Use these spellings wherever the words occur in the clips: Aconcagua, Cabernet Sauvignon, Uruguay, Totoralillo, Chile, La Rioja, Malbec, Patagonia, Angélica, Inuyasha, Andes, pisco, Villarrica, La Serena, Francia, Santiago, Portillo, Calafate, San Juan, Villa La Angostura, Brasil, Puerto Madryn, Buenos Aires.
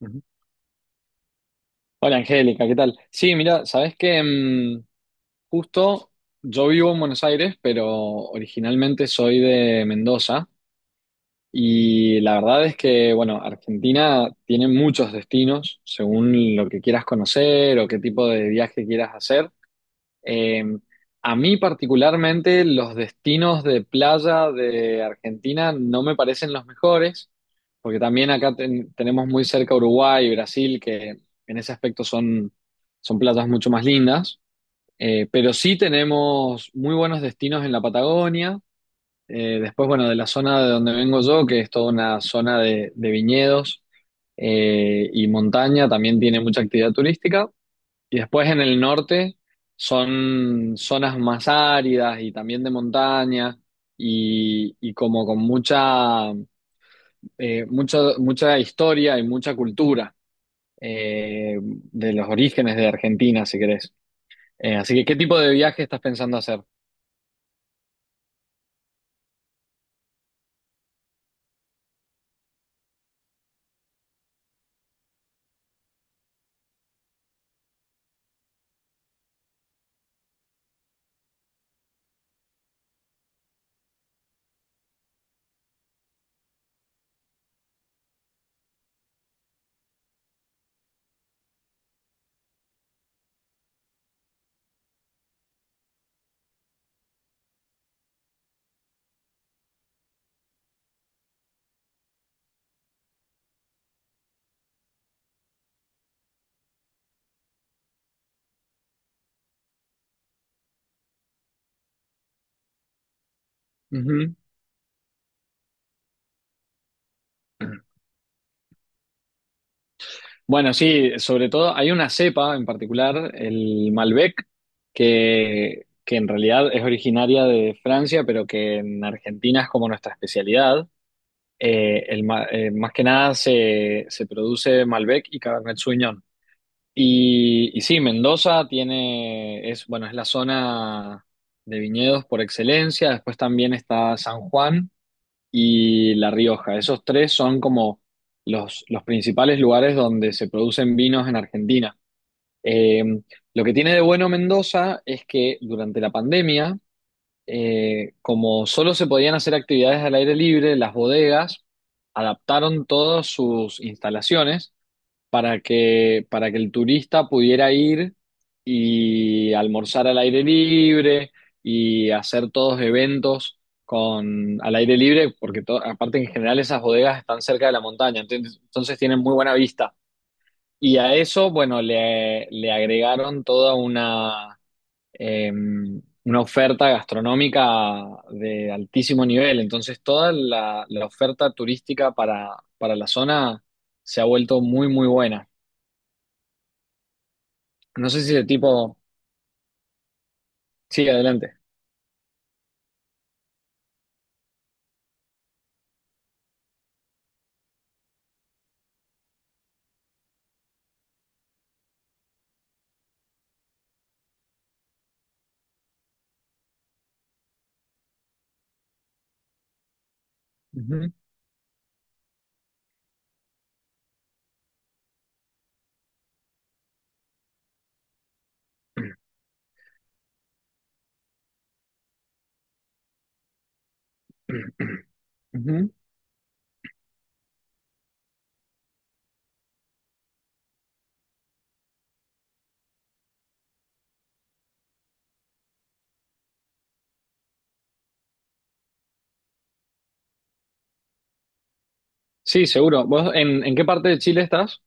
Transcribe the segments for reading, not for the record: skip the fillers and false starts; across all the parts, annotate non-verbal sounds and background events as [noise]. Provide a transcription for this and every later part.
Ujú. Hola Angélica, ¿qué tal? Sí, mira, sabes que justo yo vivo en Buenos Aires, pero originalmente soy de Mendoza, y la verdad es que, bueno, Argentina tiene muchos destinos según lo que quieras conocer o qué tipo de viaje quieras hacer. Eh, a mí particularmente los destinos de playa de Argentina no me parecen los mejores, porque también acá tenemos muy cerca Uruguay y Brasil, que en ese aspecto son playas mucho más lindas. Pero sí tenemos muy buenos destinos en la Patagonia. Después, bueno, de la zona de donde vengo yo, que es toda una zona de viñedos y montaña, también tiene mucha actividad turística. Y después en el norte son zonas más áridas y también de montaña y como con mucha historia y mucha cultura de los orígenes de Argentina, si querés. Así que, ¿qué tipo de viaje estás pensando hacer? Ujú. Bueno, sí, sobre todo hay una cepa en particular, el Malbec, que en realidad es originaria de Francia, pero que en Argentina es como nuestra especialidad. Más que nada se produce Malbec y Cabernet Sauvignon. Y sí, Mendoza tiene, es, bueno, es la zona de viñedos por excelencia. Después también está San Juan y La Rioja. Esos tres son como los principales lugares donde se producen vinos en Argentina. Eh, lo que tiene de bueno Mendoza es que durante la pandemia, como solo se podían hacer actividades al aire libre, las bodegas adaptaron todas sus instalaciones para que el turista pudiera ir y almorzar al aire libre y hacer todos eventos con, al aire libre, porque aparte en general esas bodegas están cerca de la montaña, entonces tienen muy buena vista. Y a eso, bueno, le agregaron toda eh, una oferta gastronómica de altísimo nivel. Entonces, toda la oferta turística para la zona se ha vuelto muy, muy buena. No sé si el tipo... Sí, adelante. Ujú. Ujú. Sí, seguro. ¿Vos en qué parte de Chile estás?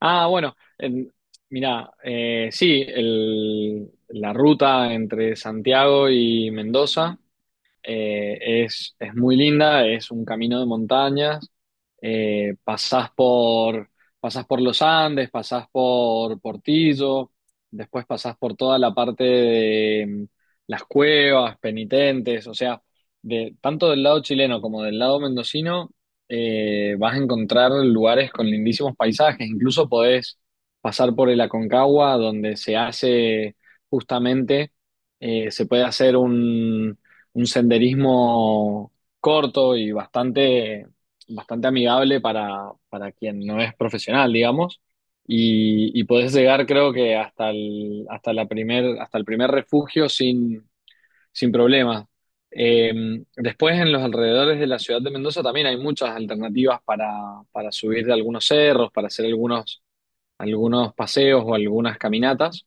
Ah, bueno, mirá, sí, la ruta entre Santiago y Mendoza. Es muy linda, es un camino de montañas. Eh, pasás por, Pasás por los Andes, pasás por Portillo, después pasás por toda la parte de las cuevas, penitentes, o sea, de, tanto del lado chileno como del lado mendocino. Vas a encontrar lugares con lindísimos paisajes, incluso podés pasar por el Aconcagua, donde se hace justamente, se puede hacer un senderismo corto y bastante amigable para quien no es profesional, digamos. Y podés llegar, creo que, hasta el primer refugio sin problema. Eh, Después, en los alrededores de la ciudad de Mendoza también hay muchas alternativas para subir de algunos cerros, para hacer algunos paseos o algunas caminatas,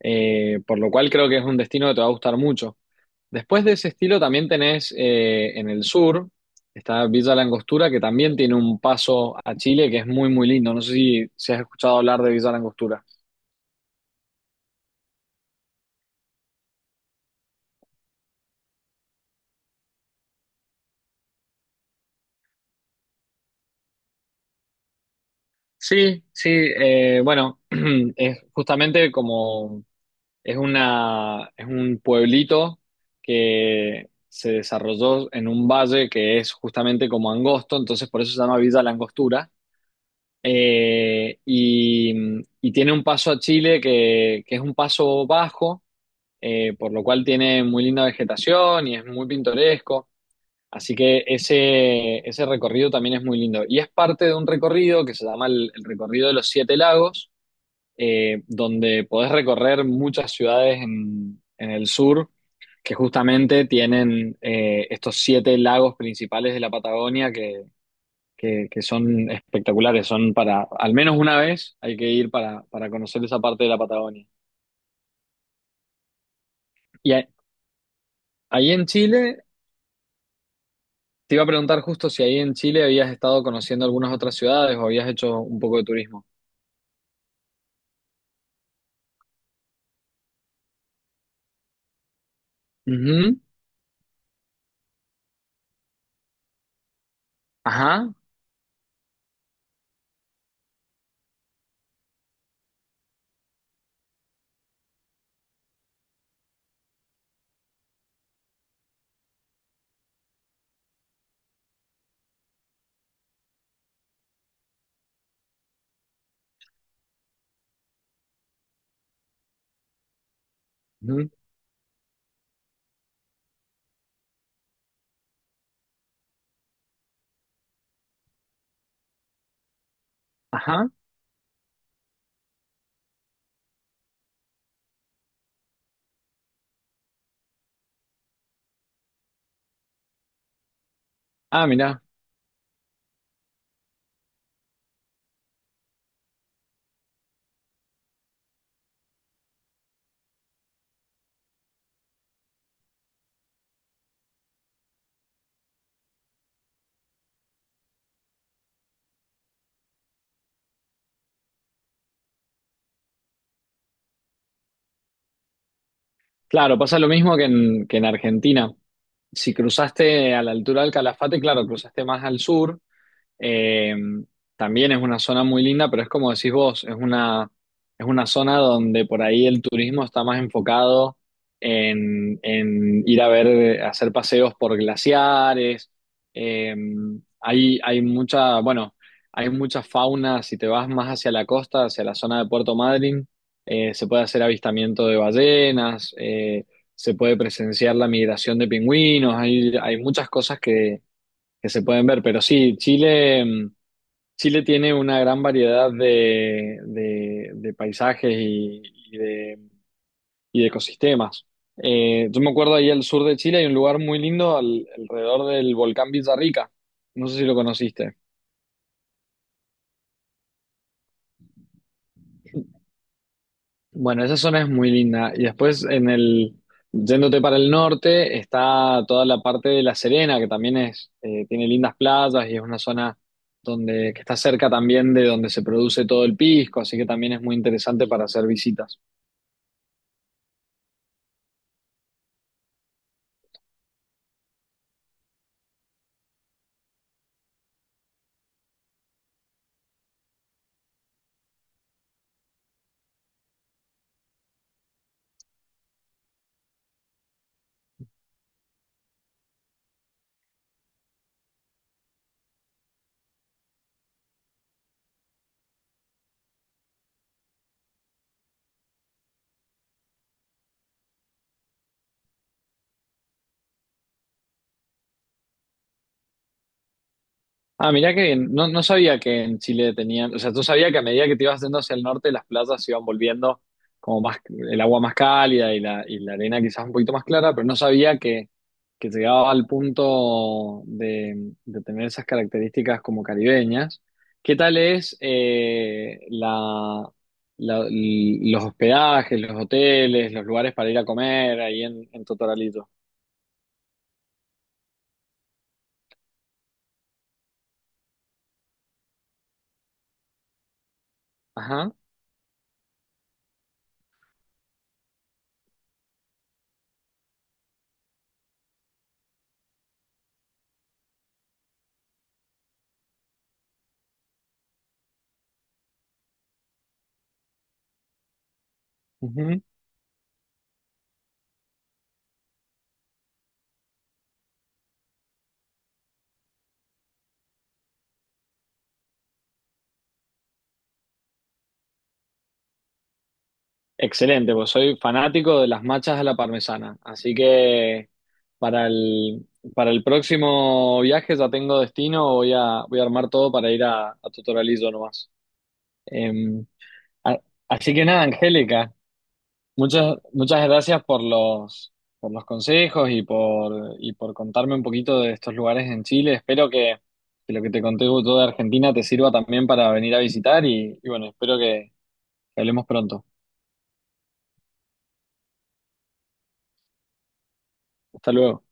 por lo cual creo que es un destino que te va a gustar mucho. Después de ese estilo también tenés en el sur, está Villa La Angostura, que también tiene un paso a Chile que es muy, muy lindo. No sé si has escuchado hablar de Villa La Angostura. Sí, sí, bueno, [clears throat] es justamente como es una, es un pueblito que se desarrolló en un valle que es justamente como angosto, entonces por eso se llama Villa La Angostura. Eh, y, y tiene un paso a Chile que es un paso bajo, por lo cual tiene muy linda vegetación y es muy pintoresco. Así que ese recorrido también es muy lindo. Y es parte de un recorrido que se llama el recorrido de los siete lagos, donde podés recorrer muchas ciudades en el sur que justamente tienen estos siete lagos principales de la Patagonia que son espectaculares, son para, al menos una vez hay que ir para conocer esa parte de la Patagonia. Y a- Ahí en Chile te iba a preguntar justo si ahí en Chile habías estado conociendo algunas otras ciudades o habías hecho un poco de turismo. Ujú. Ajá. Ujú. Ajá. Ah, mirá. Claro, pasa lo mismo que que en Argentina. Si cruzaste a la altura del Calafate, claro, cruzaste más al sur. Eh, También es una zona muy linda, pero es como decís vos, es una zona donde por ahí el turismo está más enfocado en ir a ver, hacer paseos por glaciares. Eh, Hay mucha, bueno, hay mucha fauna. Si te vas más hacia la costa, hacia la zona de Puerto Madryn, se puede hacer avistamiento de ballenas, se puede presenciar la migración de pingüinos. Hay muchas cosas que se pueden ver. Pero sí, Chile, Chile tiene una gran variedad de paisajes y de, y de ecosistemas. Yo me acuerdo ahí al sur de Chile hay un lugar muy lindo alrededor del volcán Villarrica. No sé si lo conociste. Bueno, esa zona es muy linda. Y después en el, yéndote para el norte, está toda la parte de La Serena, que también es, tiene lindas playas y es una zona donde, que está cerca también de donde se produce todo el pisco, así que también es muy interesante para hacer visitas. Ah, mirá que bien. No, no sabía que en Chile tenían, o sea, tú sabías que a medida que te ibas yendo hacia el norte, las playas se iban volviendo como más, el agua más cálida y y la arena quizás un poquito más clara, pero no sabía que llegaba al punto de tener esas características como caribeñas. ¿Qué tal es los hospedajes, los hoteles, los lugares para ir a comer ahí en Totoralito? Ajá. Excelente, pues soy fanático de las machas a la parmesana. Así que para el, para el próximo viaje ya tengo destino, voy a armar todo para ir a Totoralillo nomás. Eh, a- Así que nada, Angélica, muchas, muchas gracias por los consejos y y por contarme un poquito de estos lugares en Chile. Espero que lo que te conté todo de Argentina te sirva también para venir a visitar y bueno, espero que hablemos pronto. Hasta luego.